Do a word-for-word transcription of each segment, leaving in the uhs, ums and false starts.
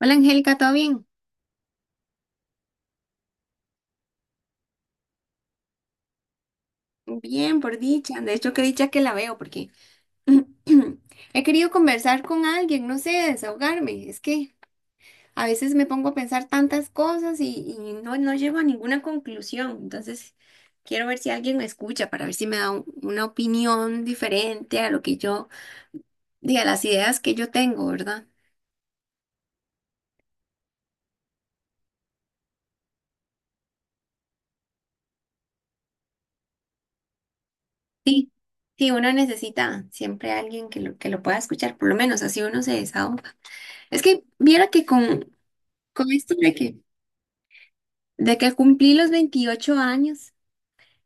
Hola Angélica, ¿todo bien? Bien, por dicha. De hecho, qué dicha que la veo porque he querido conversar con alguien, no sé, desahogarme. Es que a veces me pongo a pensar tantas cosas y, y no, no llego a ninguna conclusión. Entonces, quiero ver si alguien me escucha para ver si me da un- una opinión diferente a lo que yo, diga las ideas que yo tengo, ¿verdad? Sí, sí, uno necesita siempre a alguien que lo, que lo pueda escuchar, por lo menos así uno se desahoga. Es que viera que con, con esto de que... De que cumplí los veintiocho años,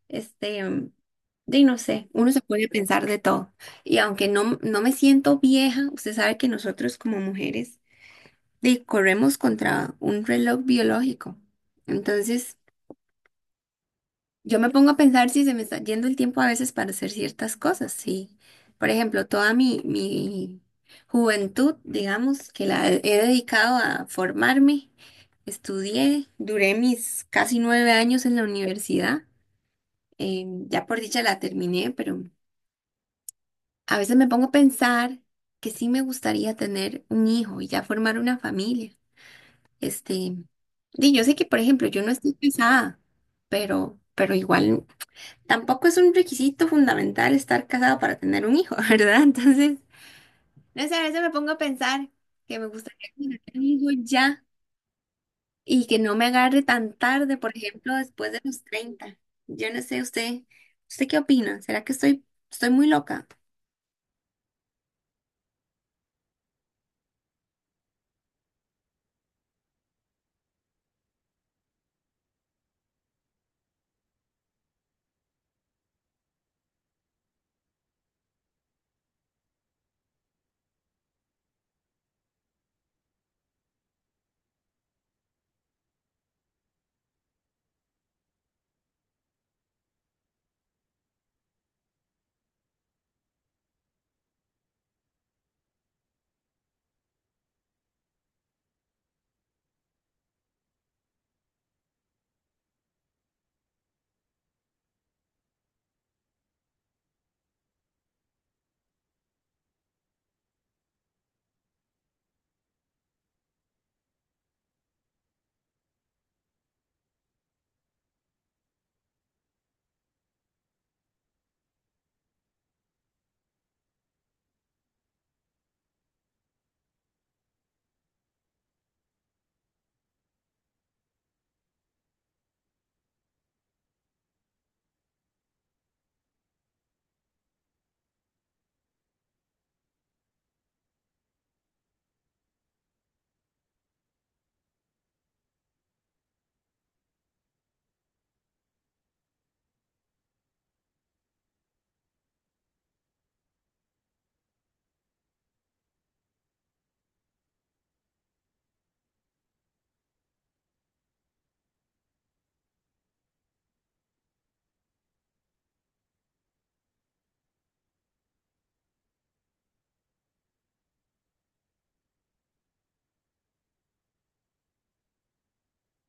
este, de no sé, uno se puede pensar de todo. Y aunque no, no me siento vieja, usted sabe que nosotros como mujeres de, corremos contra un reloj biológico. Entonces, yo me pongo a pensar si se me está yendo el tiempo a veces para hacer ciertas cosas. Sí, por ejemplo, toda mi, mi juventud, digamos, que la he dedicado a formarme, estudié, duré mis casi nueve años en la universidad. Eh, ya por dicha la terminé, pero a veces me pongo a pensar que sí me gustaría tener un hijo y ya formar una familia. Este, y yo sé que, por ejemplo, yo no estoy casada, pero, pero igual tampoco es un requisito fundamental estar casado para tener un hijo, ¿verdad? Entonces, no sé, a veces me pongo a pensar que me gustaría tener un hijo ya y que no me agarre tan tarde, por ejemplo, después de los treinta. Yo no sé, usted, ¿usted qué opina? ¿Será que estoy, estoy muy loca?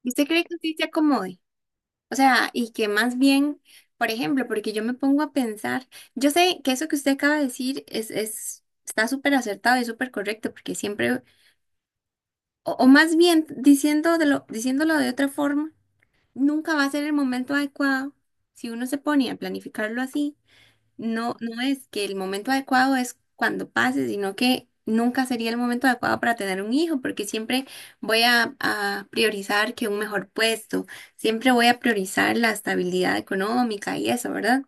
¿Y ¿usted cree que usted se acomode? O sea, y que más bien, por ejemplo, porque yo me pongo a pensar, yo sé que eso que usted acaba de decir es, es, está súper acertado y súper correcto, porque siempre, o, o más bien diciéndolo, diciéndolo de otra forma, nunca va a ser el momento adecuado si uno se pone a planificarlo así. No, no es que el momento adecuado es cuando pase, sino que nunca sería el momento adecuado para tener un hijo, porque siempre voy a, a priorizar que un mejor puesto, siempre voy a priorizar la estabilidad económica y eso, ¿verdad?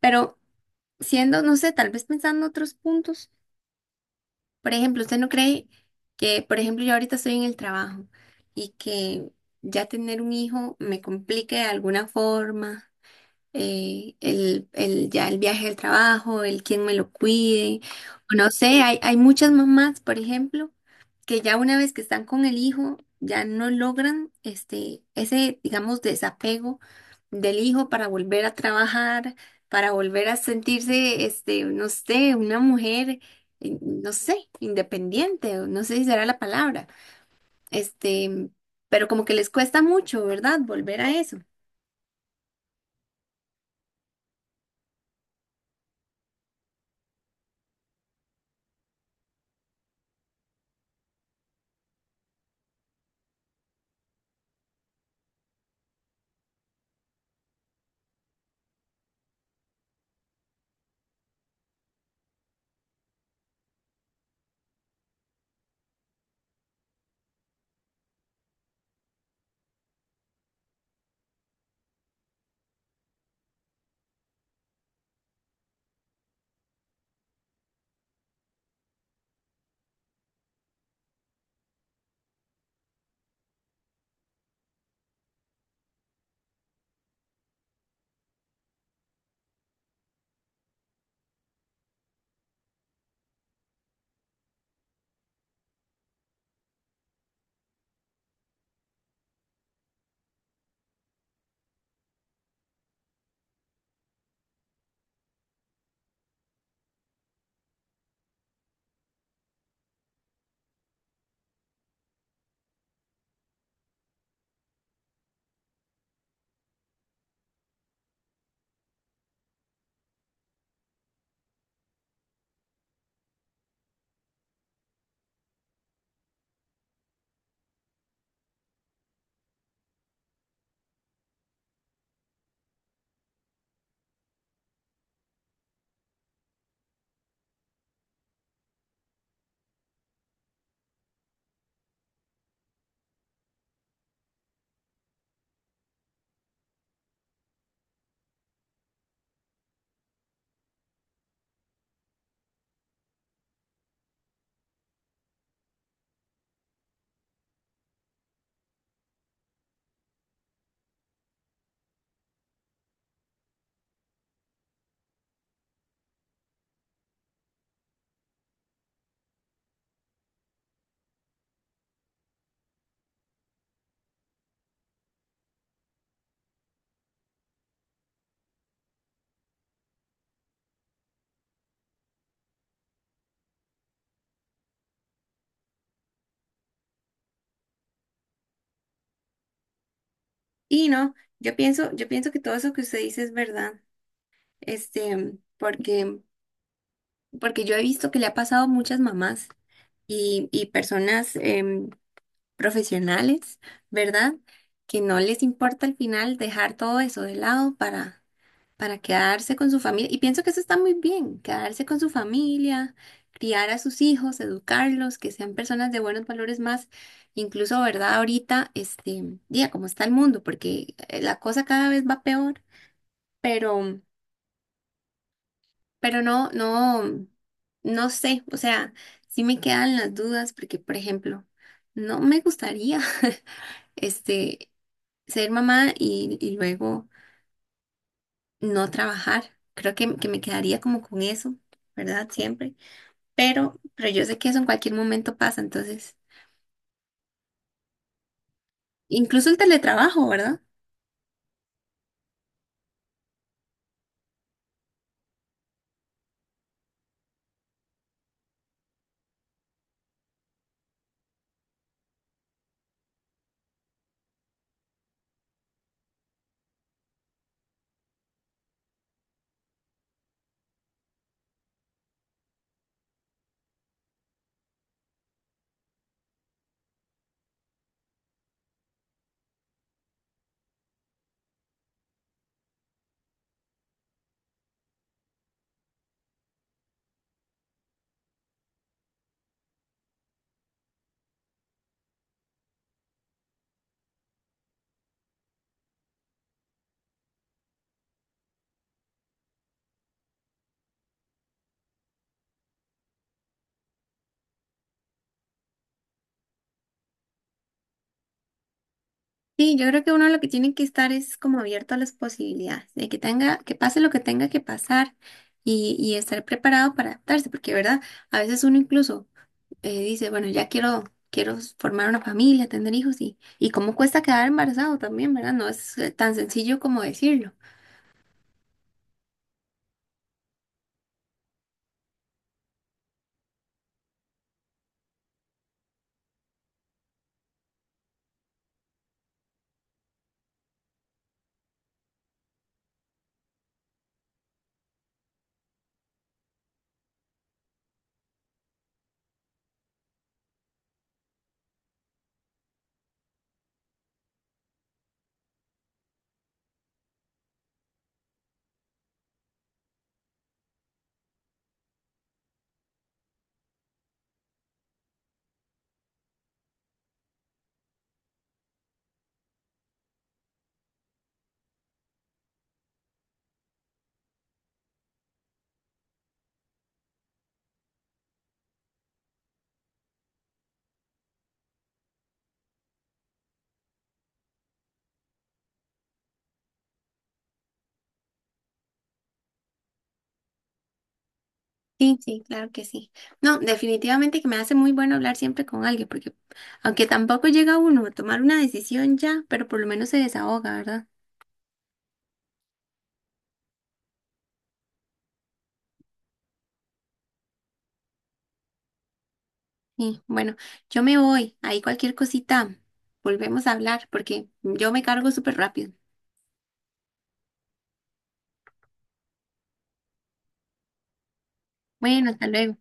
Pero siendo, no sé, tal vez pensando otros puntos, por ejemplo, ¿usted no cree que, por ejemplo, yo ahorita estoy en el trabajo y que ya tener un hijo me complique de alguna forma? Eh, el, el- ya el viaje al trabajo, el quién me lo cuide, o no sé, hay, hay muchas mamás, por ejemplo, que ya una vez que están con el hijo, ya no logran este, ese, digamos, desapego del hijo para volver a trabajar, para volver a sentirse, este, no sé, una mujer, eh, no sé, independiente, o no sé si será la palabra, este, pero como que les cuesta mucho, ¿verdad? Volver a eso. Y no, yo pienso, yo pienso que todo eso que usted dice es verdad, este, porque, porque yo he visto que le ha pasado a muchas mamás y, y personas em, profesionales, ¿verdad? Que no les importa al final dejar todo eso de lado para, para quedarse con su familia. Y pienso que eso está muy bien, quedarse con su familia, criar a sus hijos, educarlos, que sean personas de buenos valores más incluso, ¿verdad? Ahorita, este, día, como está el mundo, porque eh, la cosa cada vez va peor, pero, pero no, no, no sé, o sea, sí me quedan las dudas porque, por ejemplo, no me gustaría, este, ser mamá y, y luego no trabajar. Creo que, que me quedaría como con eso, ¿verdad? Siempre. Pero, pero yo sé que eso en cualquier momento pasa, entonces, incluso el teletrabajo, ¿verdad? Sí, yo creo que uno lo que tiene que estar es como abierto a las posibilidades, de que tenga, que pase lo que tenga que pasar y, y estar preparado para adaptarse, porque, ¿verdad? A veces uno incluso eh, dice, bueno, ya quiero, quiero formar una familia, tener hijos y, y cómo cuesta quedar embarazado también, ¿verdad? No es eh, tan sencillo como decirlo. Sí, sí, claro que sí. No, definitivamente que me hace muy bueno hablar siempre con alguien, porque aunque tampoco llega uno a tomar una decisión ya, pero por lo menos se desahoga, ¿verdad? Sí, bueno, yo me voy. Ahí cualquier cosita, volvemos a hablar porque yo me cargo súper rápido. Bueno, hasta luego.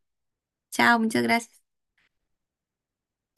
Chao, muchas gracias.